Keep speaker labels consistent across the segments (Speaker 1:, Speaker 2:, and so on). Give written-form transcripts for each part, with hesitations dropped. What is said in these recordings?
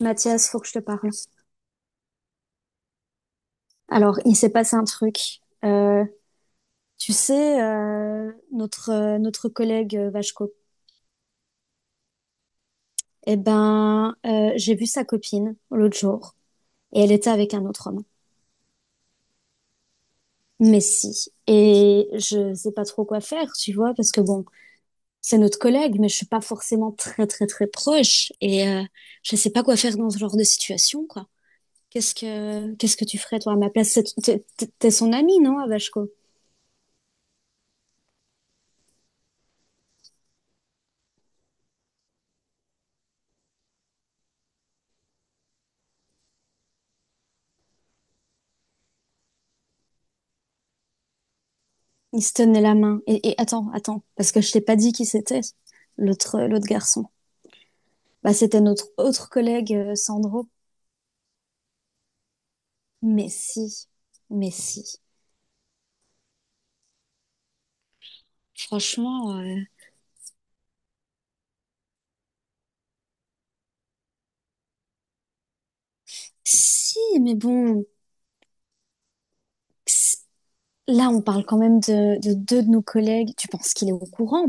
Speaker 1: Mathias, faut que je te parle. Alors, il s'est passé un truc. Notre, notre collègue Vachko, j'ai vu sa copine l'autre jour et elle était avec un autre homme. Mais si. Et je sais pas trop quoi faire, tu vois, parce que bon, c'est notre collègue, mais je suis pas forcément très, très, très proche je sais pas quoi faire dans ce genre de situation, quoi. Qu'est-ce que tu ferais, toi, à ma place? T'es son ami, non, à Vachko? Il se tenait la main. Et attends, attends, parce que je t'ai pas dit qui c'était, l'autre garçon. Bah, c'était notre autre collègue, Sandro. Mais si, mais si. Franchement, si, mais bon, c- là, on parle quand même de deux de nos collègues. Tu penses qu'il est au courant?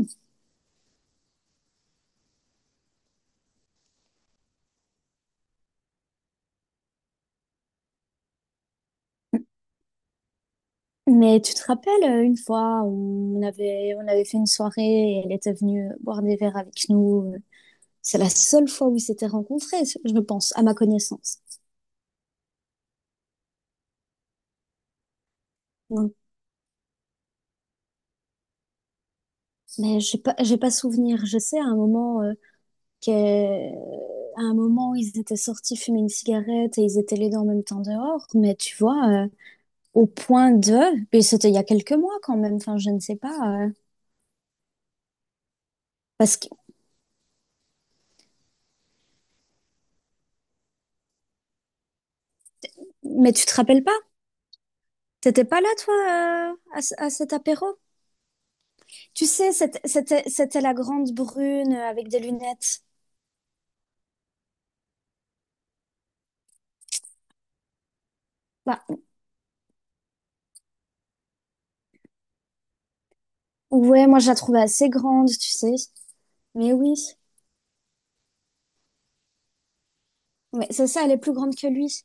Speaker 1: Mais tu te rappelles, une fois, on avait fait une soirée et elle était venue boire des verres avec nous. C'est la seule fois où ils s'étaient rencontrés, je pense, à ma connaissance. Mais j'ai pas souvenir. Je sais à un moment qu'à à un moment où ils étaient sortis fumer une cigarette et ils étaient les deux en même temps dehors. Mais tu vois, au point de, et c'était il y a quelques mois quand même. Enfin, je ne sais pas. Parce que, mais tu te rappelles pas? T'étais pas là, toi, à, à cet apéro? Tu sais, c'était la grande brune avec des lunettes. Bah, ouais, moi je la trouvais assez grande, tu sais. Mais oui, mais c'est ça, elle est plus grande que lui.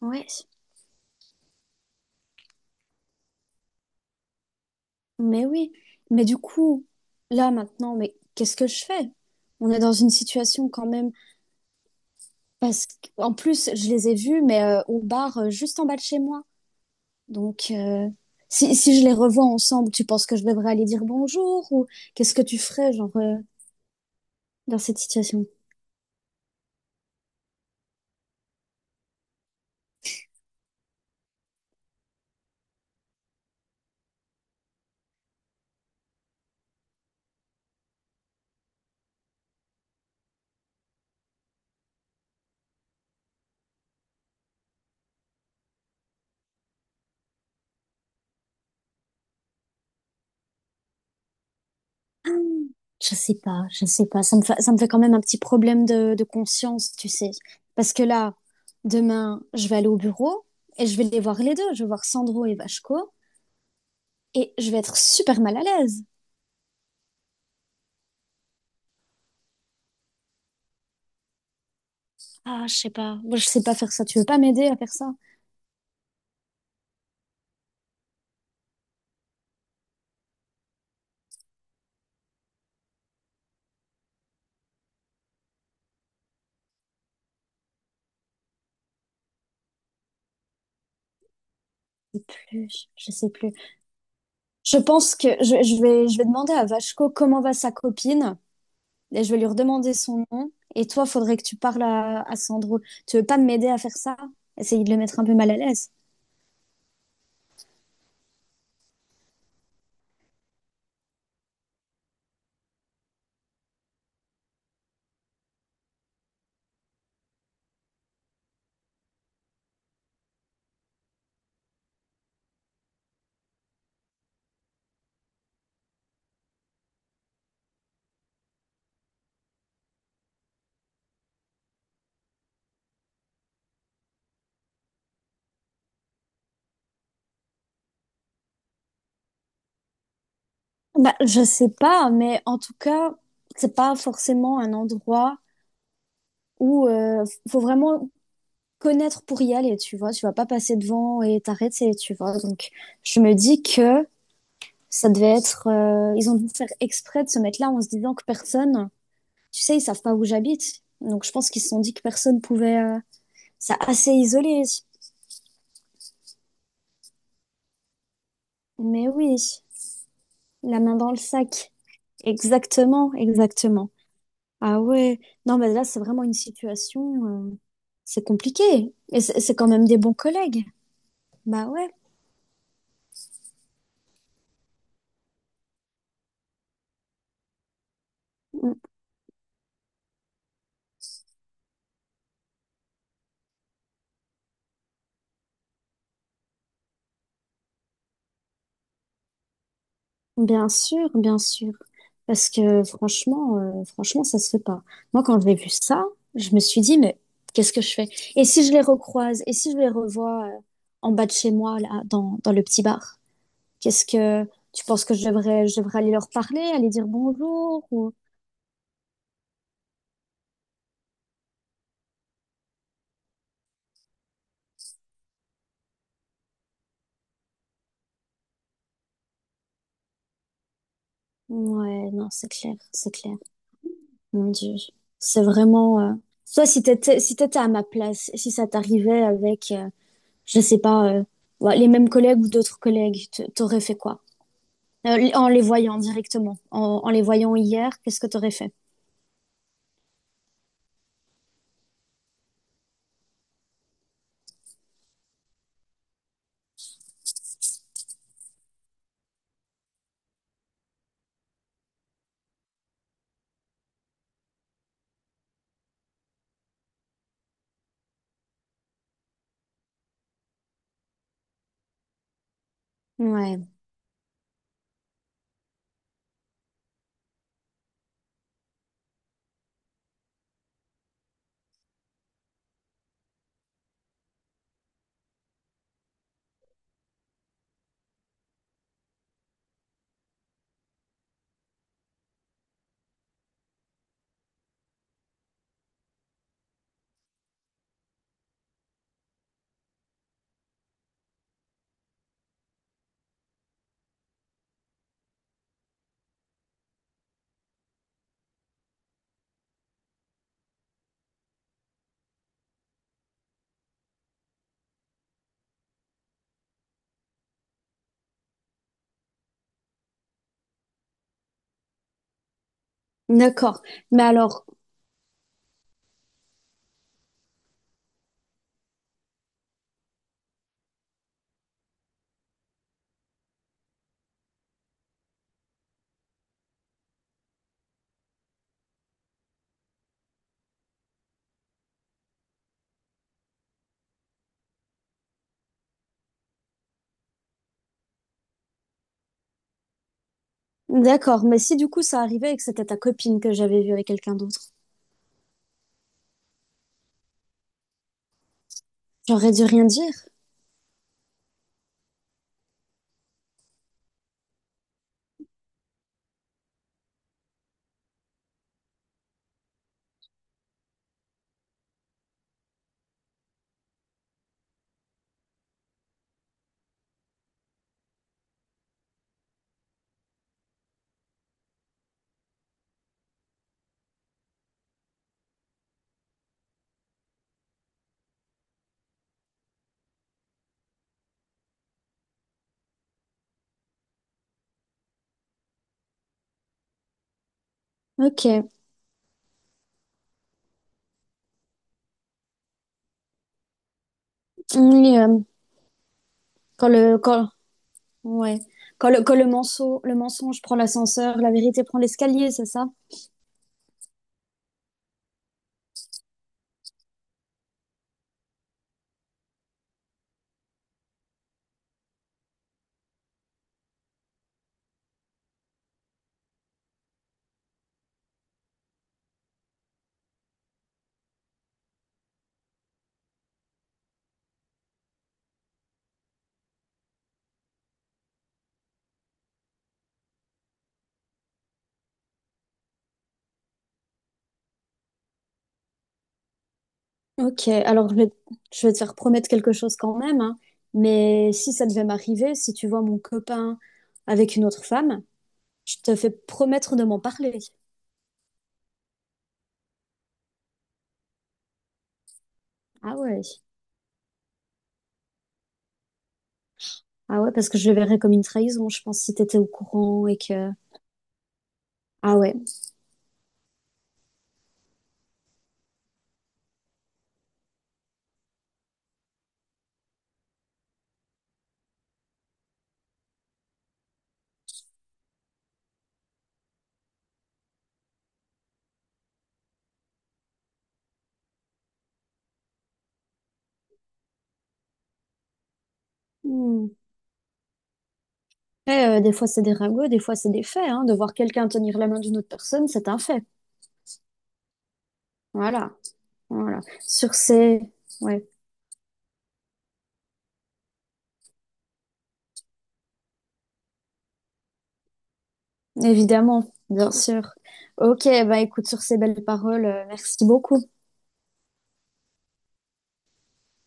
Speaker 1: Ouais. Mais oui, mais du coup, là maintenant, mais qu'est-ce que je fais? On est dans une situation quand même, parce qu'en plus, je les ai vus, mais au bar juste en bas de chez moi. Donc, si, si je les revois ensemble, tu penses que je devrais aller dire bonjour ou qu'est-ce que tu ferais, genre, dans cette situation? Ah, je sais pas. Ça me fait quand même un petit problème de conscience, tu sais. Parce que là, demain, je vais aller au bureau et je vais les voir les deux. Je vais voir Sandro et Vachko. Et je vais être super mal à l'aise. Ah, je sais pas. Moi, je sais pas faire ça. Tu veux pas m'aider à faire ça? Je sais plus. Je sais plus. Je pense que je vais demander à Vachko comment va sa copine et je vais lui redemander son nom. Et toi, faudrait que tu parles à Sandro. Tu veux pas m'aider à faire ça? Essayer de le mettre un peu mal à l'aise. Bah, je sais pas, mais en tout cas, c'est pas forcément un endroit où faut vraiment connaître pour y aller, tu vois. Tu vas pas passer devant et t'arrêter, tu vois. Donc, je me dis que ça devait être, ils ont dû faire exprès de se mettre là en se disant que personne, tu sais, ils savent pas où j'habite. Donc je pense qu'ils se sont dit que personne pouvait, ça assez isolé. Mais oui, la main dans le sac. Exactement, exactement. Ah ouais. Non, mais là, c'est vraiment une situation, c'est compliqué. Et c'est quand même des bons collègues. Bah ouais. Mm. Bien sûr, bien sûr. Parce que franchement, ça se fait pas. Moi, quand j'ai vu ça, je me suis dit, mais qu'est-ce que je fais? Et si je les recroise? Et si je les revois en bas de chez moi, là, dans, dans le petit bar? Qu'est-ce que tu penses que je devrais aller leur parler, aller dire bonjour ou... Ouais, non, c'est clair, c'est clair. Mon Dieu, c'est vraiment. Toi, si t'étais à ma place, si ça t'arrivait avec, je sais pas, ouais, les mêmes collègues ou d'autres collègues, t'aurais fait quoi? En les voyant directement, en les voyant hier, qu'est-ce que tu aurais fait? Ouais, d'accord. Mais alors, d'accord. Mais si du coup ça arrivait et que c'était ta copine que j'avais vue avec quelqu'un d'autre, j'aurais dû rien dire. Ok. Oui. Quand le, quand, ouais. Quand le mensonge, le mensonge prend l'ascenseur, la vérité prend l'escalier, c'est ça? Ok. Alors, je vais te faire promettre quelque chose quand même, hein. Mais si ça devait m'arriver, si tu vois mon copain avec une autre femme, je te fais promettre de m'en parler. Ah ouais. Ah ouais, parce que je le verrais comme une trahison, je pense, si t'étais au courant et que... Ah ouais. Hmm. Après, des fois, c'est des ragots, des fois, c'est des faits. Hein. De voir quelqu'un tenir la main d'une autre personne, c'est un fait. Voilà. Voilà. Sur ces... Ouais, évidemment, bien sûr. Ok, bah écoute, sur ces belles paroles, merci beaucoup.